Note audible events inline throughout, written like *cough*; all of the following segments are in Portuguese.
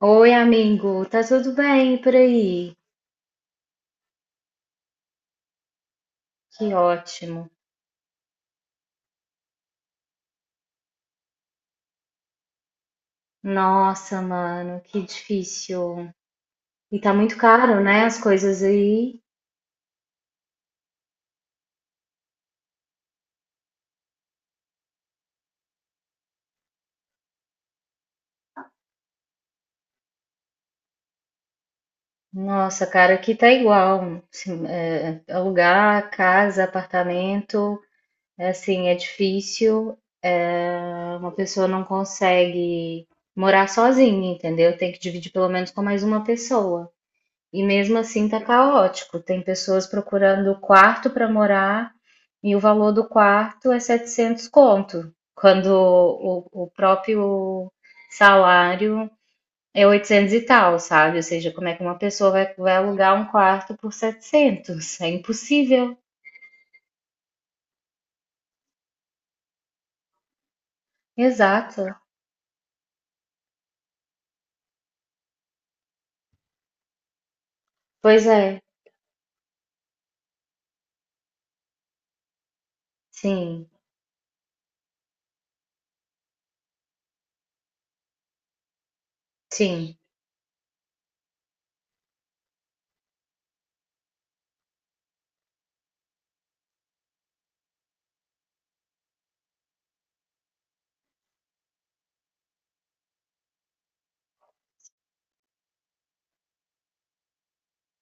Oi, amigo, tá tudo bem por aí? Que ótimo. Nossa, mano, que difícil. E tá muito caro, né? As coisas aí. Nossa, cara, aqui tá igual. Assim, é, alugar casa, apartamento, é, assim, é difícil. É, uma pessoa não consegue morar sozinha, entendeu? Tem que dividir pelo menos com mais uma pessoa. E mesmo assim tá caótico. Tem pessoas procurando quarto para morar e o valor do quarto é 700 conto, quando o próprio salário é 800 e tal, sabe? Ou seja, como é que uma pessoa vai alugar um quarto por 700? É impossível. Exato. Pois é, sim, sim.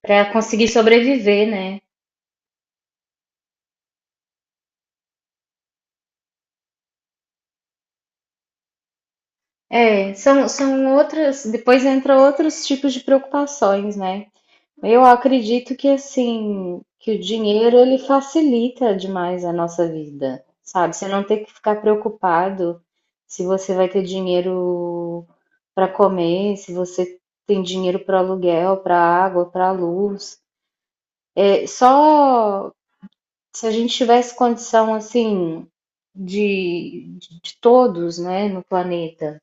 Para conseguir sobreviver, né? É, são outras. Depois entra outros tipos de preocupações, né? Eu acredito que assim, que o dinheiro ele facilita demais a nossa vida, sabe? Você não ter que ficar preocupado se você vai ter dinheiro para comer, se você tem dinheiro para aluguel, para água, para luz. É, só se a gente tivesse condição assim de todos, né, no planeta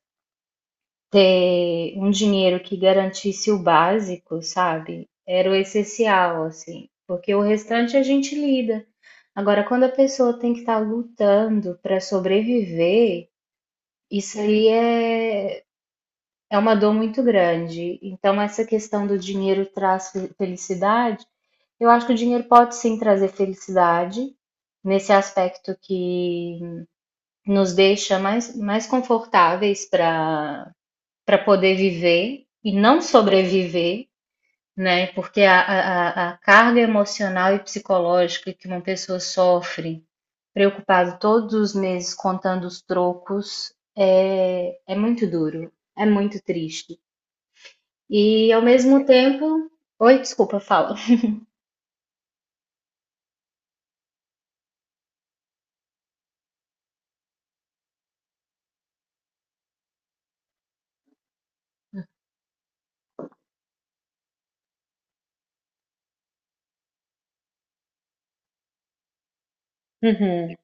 ter um dinheiro que garantisse o básico, sabe? Era o essencial, assim, porque o restante a gente lida. Agora, quando a pessoa tem que estar lutando para sobreviver, isso aí é uma dor muito grande. Então, essa questão do dinheiro traz felicidade, eu acho que o dinheiro pode sim trazer felicidade, nesse aspecto que nos deixa mais confortáveis para poder viver e não sobreviver, né? Porque a carga emocional e psicológica que uma pessoa sofre, preocupado todos os meses contando os trocos, é muito duro, é muito triste. E ao mesmo tempo. Oi, desculpa, fala. Uhum.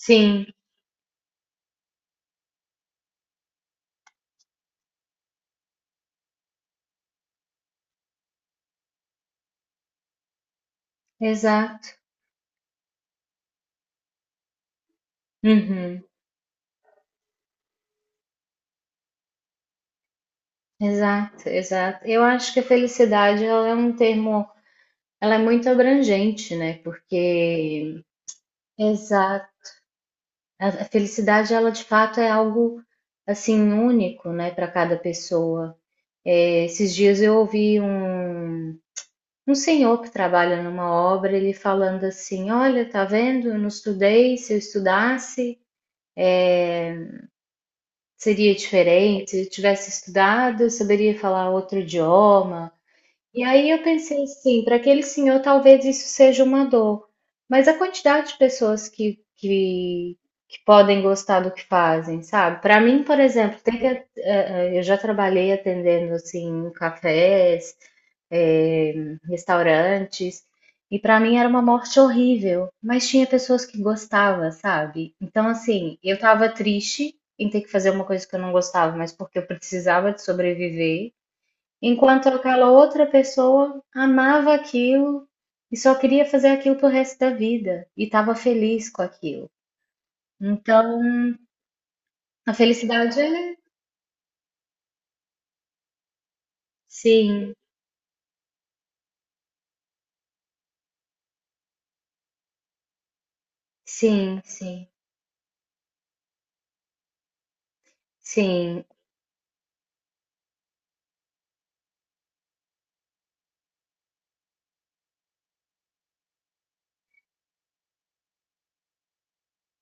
Sim, exato. Uhum. Exato, exato. Eu acho que a felicidade ela é um termo, ela é muito abrangente, né? Porque, exato. A felicidade, ela de fato é algo assim único, né, para cada pessoa. Esses dias eu ouvi um senhor que trabalha numa obra, ele falando assim: Olha, tá vendo? Eu não estudei. Se eu estudasse, seria diferente. Se eu tivesse estudado, eu saberia falar outro idioma. E aí eu pensei assim, para aquele senhor talvez isso seja uma dor, mas a quantidade de pessoas que podem gostar do que fazem, sabe? Para mim, por exemplo, tem que, eh, eh, eu já trabalhei atendendo assim cafés, eh, restaurantes, e para mim era uma morte horrível, mas tinha pessoas que gostavam, sabe? Então assim, eu estava triste em ter que fazer uma coisa que eu não gostava, mas porque eu precisava de sobreviver. Enquanto aquela outra pessoa amava aquilo e só queria fazer aquilo pro resto da vida e estava feliz com aquilo. Então, a felicidade é sim, sim, sim, sim,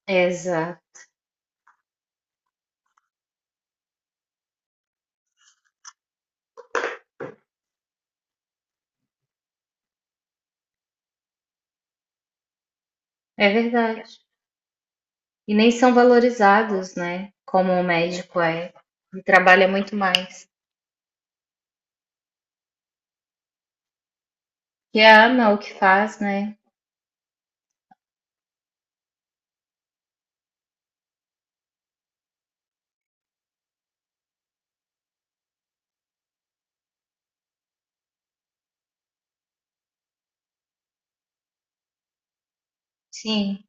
exato. É verdade. E nem são valorizados, né? Como o médico é. Ele trabalha muito mais. E ama o que faz, né? Sim,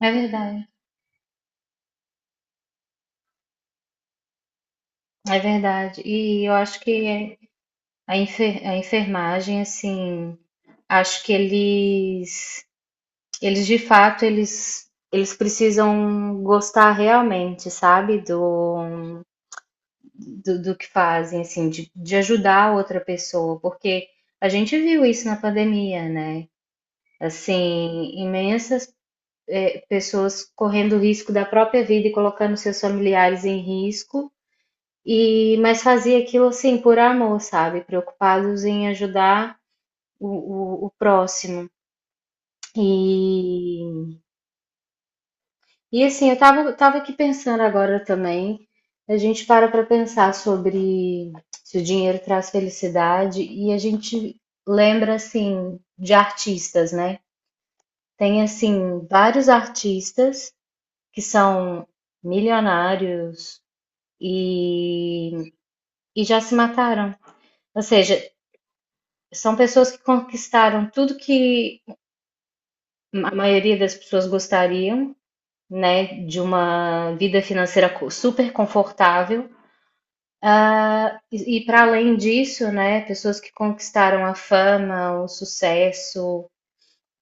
é verdade. É verdade. E eu acho que a enfermagem, assim, acho que eles de fato eles precisam gostar realmente, sabe, do do que fazem, assim, de ajudar a outra pessoa, porque a gente viu isso na pandemia, né? Assim, imensas pessoas correndo risco da própria vida e colocando seus familiares em risco, e mas fazia aquilo assim por amor, sabe? Preocupados em ajudar o próximo. E E assim, eu tava aqui pensando agora também. A gente para para pensar sobre se o dinheiro traz felicidade e a gente lembra assim de artistas, né? Tem assim vários artistas que são milionários e, e já se mataram. Ou seja, são pessoas que conquistaram tudo que a maioria das pessoas gostariam, né? De uma vida financeira super confortável. Ah, e para além disso, né, pessoas que conquistaram a fama, o sucesso,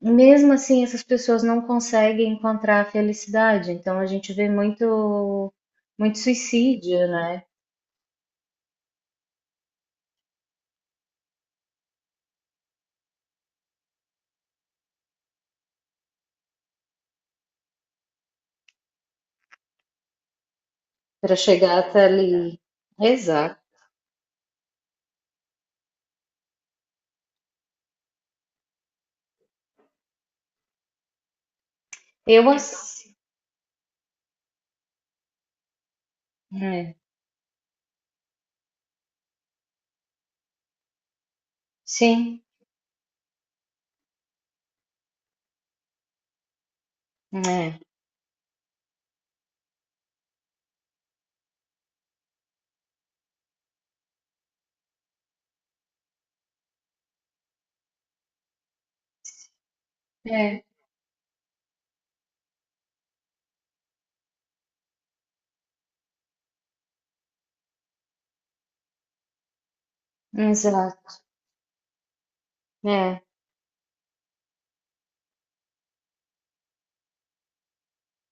mesmo assim, essas pessoas não conseguem encontrar a felicidade. Então, a gente vê muito, muito suicídio, né, para chegar até ali. Exato. Eu assim, é, sim, é, é, exato, é.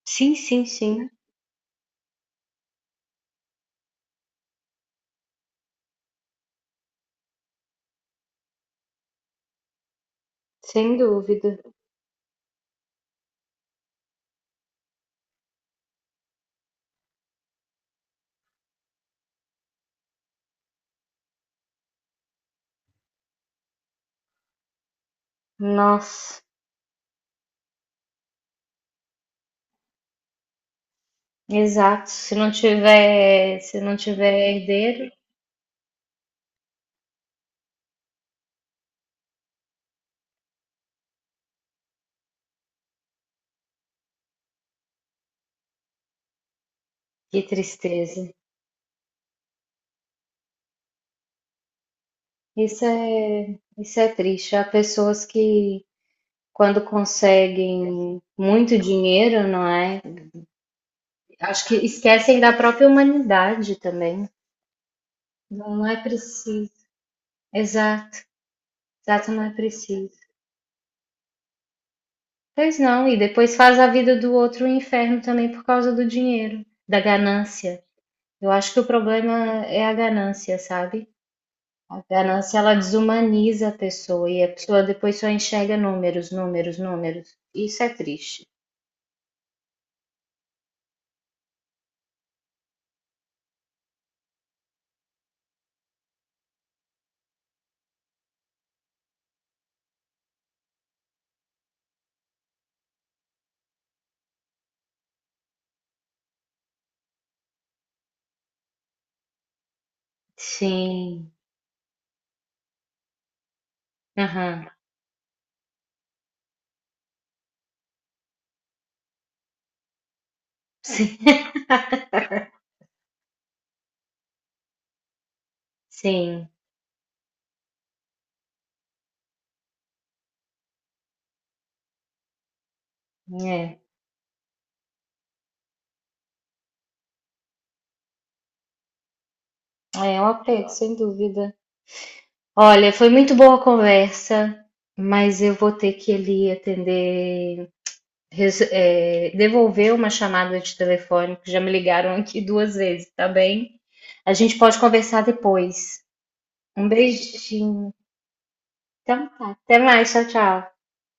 Sim, sim, sim, sem dúvida. Nossa, exato. Se não tiver herdeiro. Que tristeza. Isso é triste. Há pessoas que, quando conseguem muito dinheiro, não é? Acho que esquecem da própria humanidade também. Não é preciso. Exato, exato, não é preciso. Pois não, e depois faz a vida do outro um inferno também por causa do dinheiro, da ganância. Eu acho que o problema é a ganância, sabe? A ganância ela desumaniza a pessoa e a pessoa depois só enxerga números, números, números. Isso é triste. Sim, aham, sim, *laughs* sim, é. É um apego, sem dúvida. Olha, foi muito boa a conversa, mas eu vou ter que ali atender, devolver uma chamada de telefone, que já me ligaram aqui 2 vezes, tá bem? A gente pode conversar depois. Um beijinho. Então tá, até mais, tchau, tchau.